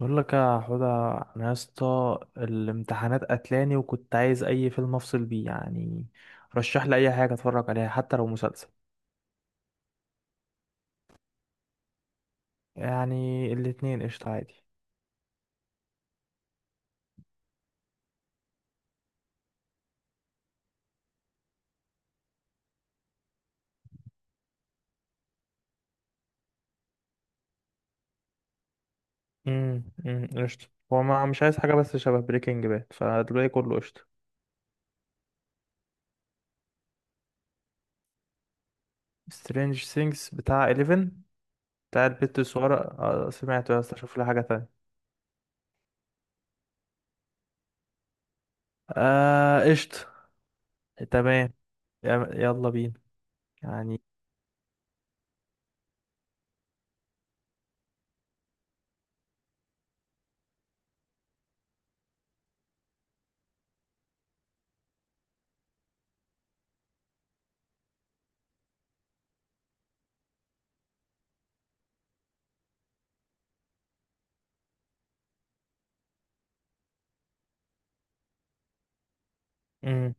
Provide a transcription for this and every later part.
بقول لك يا حوده، انا يا اسطى الامتحانات قتلاني وكنت عايز اي فيلم افصل بيه يعني. رشح لي اي حاجه اتفرج عليها حتى لو مسلسل. يعني الاتنين قشطه عادي. قشطه. هو ما مش عايز حاجه بس شبه بريكنج باد، فدلوقتي كله قشطه. سترينج سينجز بتاع 11. بتاع البت الصغيره، سمعته يا اسطى، شوف لي حاجه تانية. آه، قشطه. تمام. يلا بينا. يعني. امم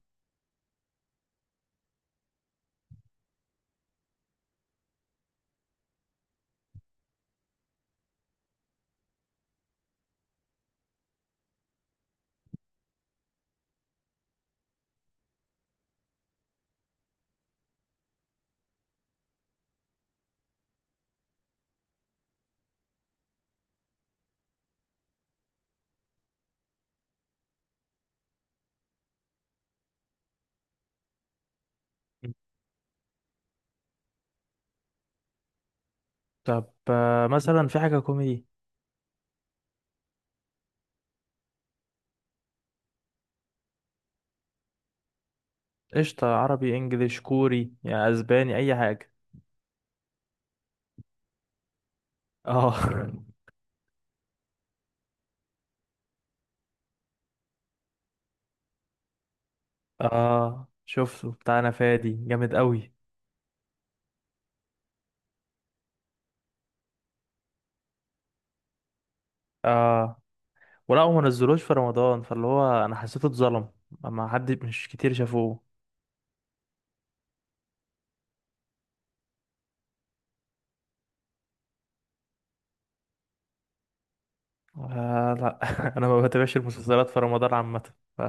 طب، مثلا في حاجه كوميدي؟ قشطة، عربي انجليش كوري يعني اسباني، اي حاجة. اه. اه، شفته، بتاعنا فادي جامد قوي. اه. ولا هو منزلوش في رمضان، فاللي هو انا حسيته اتظلم. ما حد، مش كتير شافوه. آه لا. انا ما بتابعش المسلسلات في رمضان عامة. ف-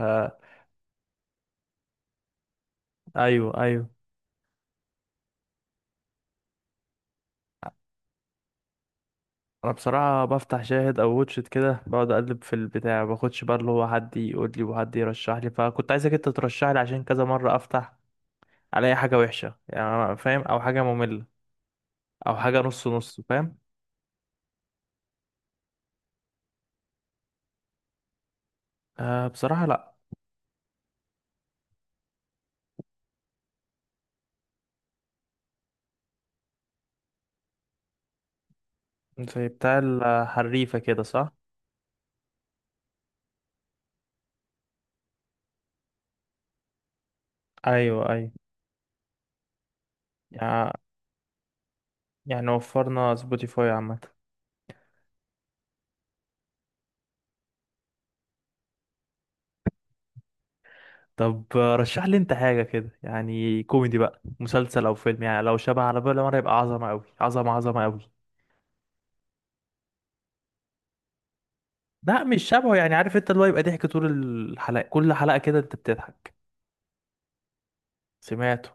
ايوه ايوه. انا بصراحة بفتح شاهد او واتشت كده، بقعد اقلب في البتاع، ما باخدش بقى اللي هو حد يقول لي وحد يرشح لي، فكنت عايزك انت ترشح لي عشان كذا مرة افتح الاقي حاجة وحشة، يعني أنا فاهم، او حاجة مملة، او حاجه نص نص فاهم. آه، بصراحه لا. زي بتاع حريفه كده، صح؟ ايوه ايوه. يع- يعني وفرنا سبوتيفاي عامة. طب، رشح لي انت حاجه كده، يعني كوميدي بقى، مسلسل او فيلم، يعني لو شبه على بالي مره يبقى عظمه قوي، عظمه عظمه قوي. لا مش شبهه، يعني عارف انت اللي هو يبقى ضحك طول الحلقه، كل حلقه كده انت بتضحك. سمعته.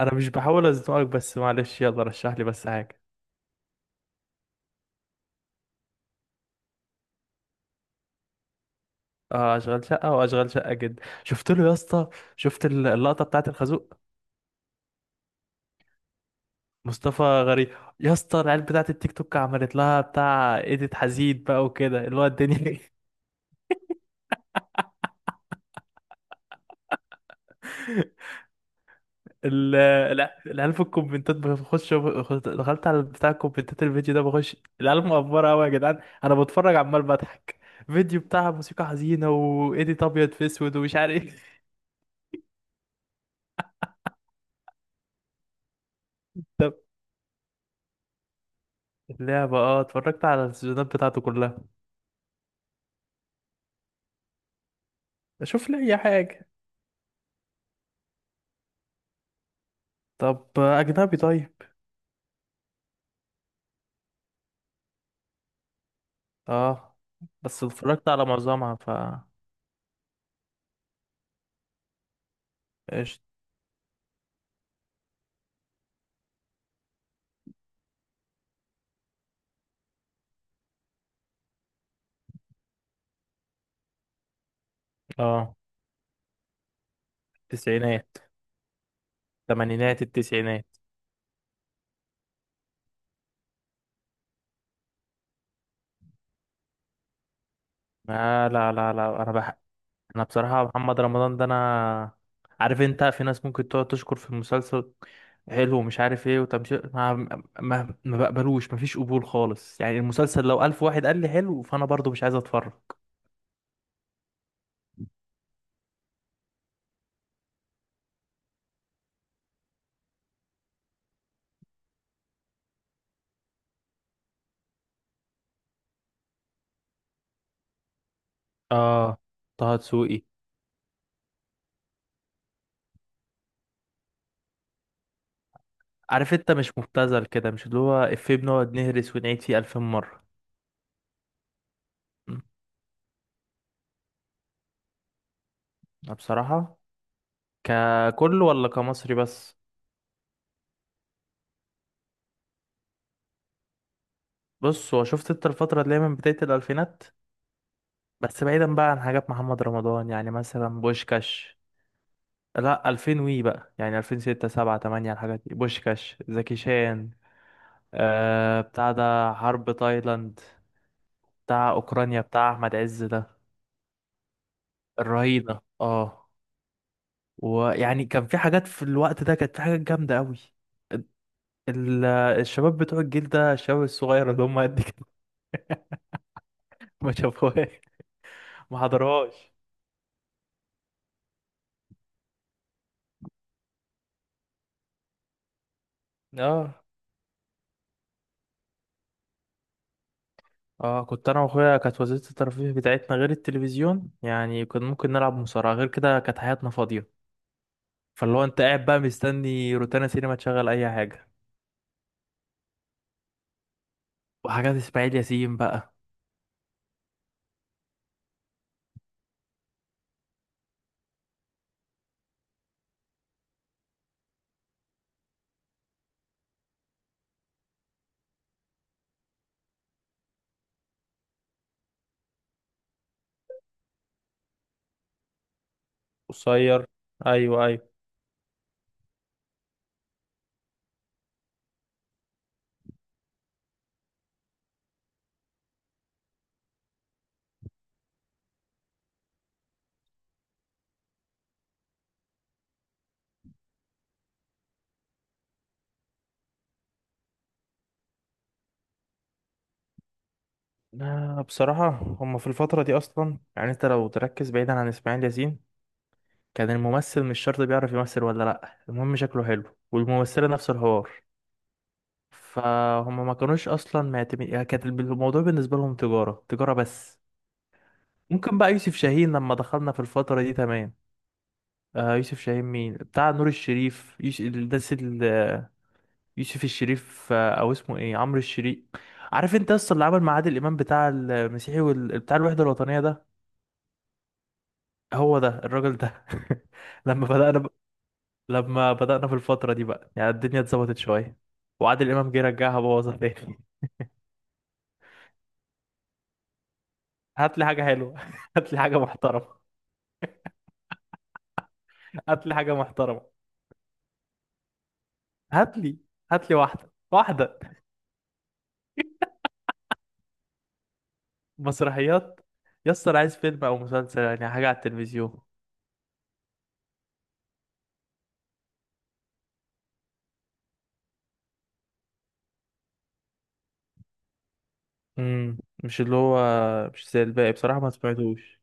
انا مش بحاول ازنقك بس معلش، يلا رشح لي بس حاجه. اه، اشغال شقه واشغال شقه جدا شفت له يا اسطى. شفت اللقطه بتاعت الخازوق؟ مصطفى غريب. يا اسطى، العيال بتاعت التيك توك عملت لها بتاع ايديت حزين بقى وكده اللي هو الدنيا. العيال في الكومنتات، دخلت على بتاع الكومنتات، الفيديو ده بخش. العيال مقفرة قوي يا جدعان، انا بتفرج عمال بضحك. فيديو بتاع موسيقى حزينة وايديت ابيض في اسود ومش عارف ايه. طب. اللعبة، اه اتفرجت على السيزونات بتاعته كلها. اشوف لي اي حاجة. طب اجنبي طيب. اه بس اتفرجت على معظمها، ايش. اه، تسعينات. الثمانينات التسعينات. آه لا لا لا، انا انا بصراحة محمد رمضان ده، انا عارف انت في ناس ممكن تقعد تشكر في المسلسل حلو ومش عارف ايه وتمشي. ما بقبلوش، مفيش قبول خالص يعني. المسلسل لو الف واحد قال لي حلو فانا برضو مش عايز اتفرج. اه، طه دسوقي. عارف انت، مش مبتذل كده، مش اللي هو افيه بنقعد نهرس ونعيد فيه الفين مرة. أمم، أنا بصراحة ككل ولا كمصري بس؟ بص، هو شفت انت الفترة اللي هي من بداية الألفينات، بس بعيدا بقى عن حاجات محمد رمضان، يعني مثلا بوشكاش. لا 2000 وي بقى، يعني 2006 7 8، الحاجات دي، بوشكاش، زكي شان، آه بتاع ده حرب تايلاند، بتاع اوكرانيا، بتاع احمد عز ده، الرهينة اه. ويعني كان في حاجات في الوقت ده، كانت في حاجات جامدة قوي. ال- الشباب بتوع الجيل ده، الشباب الصغير اللي هم قد كده، ما شافوهاش، ما حضروهاش. اه اه، كنت انا واخويا كانت وسيله الترفيه بتاعتنا غير التلفزيون يعني، كنا ممكن نلعب مصارعه، غير كده كانت حياتنا فاضيه. فاللي هو انت قاعد بقى مستني روتانا سينما تشغل اي حاجه، وحاجات اسماعيل ياسين بقى. قصير. ايوه ايوه. لا بصراحه، هما في الفتره دي اصلا، يعني انت لو تركز بعيدا عن اسماعيل ياسين، كان الممثل مش شرط بيعرف يمثل ولا لا، المهم شكله حلو. والممثله نفس الحوار. فهم ما كانوش اصلا معتمد يعني، كانت الموضوع بالنسبه لهم تجاره، تجاره بس. ممكن بقى يوسف شاهين لما دخلنا في الفترة دي، تمام. آه، يوسف شاهين، مين بتاع نور الشريف؟ يوسف الناس يوسف الشريف، او اسمه ايه، عمرو الشريف. عارف انت اصلا اللي عمل مع عادل امام بتاع المسيحي بتاع الوحدة الوطنية ده. هو ده الراجل ده. لما بدأنا ب... لما بدأنا في الفترة دي بقى، يعني الدنيا اتظبطت شوية، وعادل امام جه رجعها بوظها تاني. هات لي حاجة حلوة. هات لي حاجة محترمة. هات لي حاجة محترمة. هات لي، هات لي واحدة واحدة. مسرحيات. يسطا عايز فيلم او مسلسل، يعني حاجه على التلفزيون. امم مش اللي هو، مش زي الباقي بصراحة، ما سمعتوش.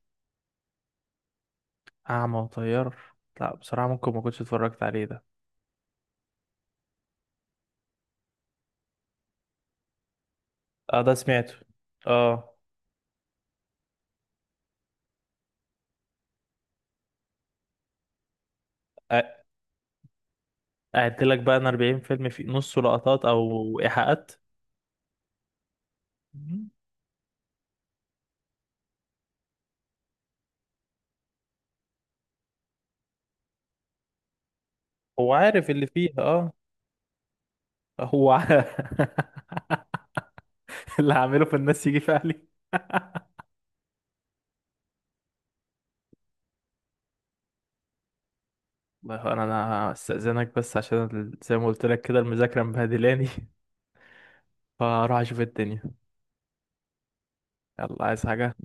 اعمى وطيار، لا بصراحه ممكن ما كنتش اتفرجت عليه ده. اه ده سمعته. اه. قعدت لك بقى انا 40 فيلم في نصه لقطات او ايحاءات. مم. هو عارف اللي فيها اه. هو ع- اللي هعمله في الناس يجي في اهلي. والله انا استاذنك، بس عشان زي ما قلت لك كده المذاكره مبهدلاني. فاروح اشوف الدنيا. يلا، عايز حاجه؟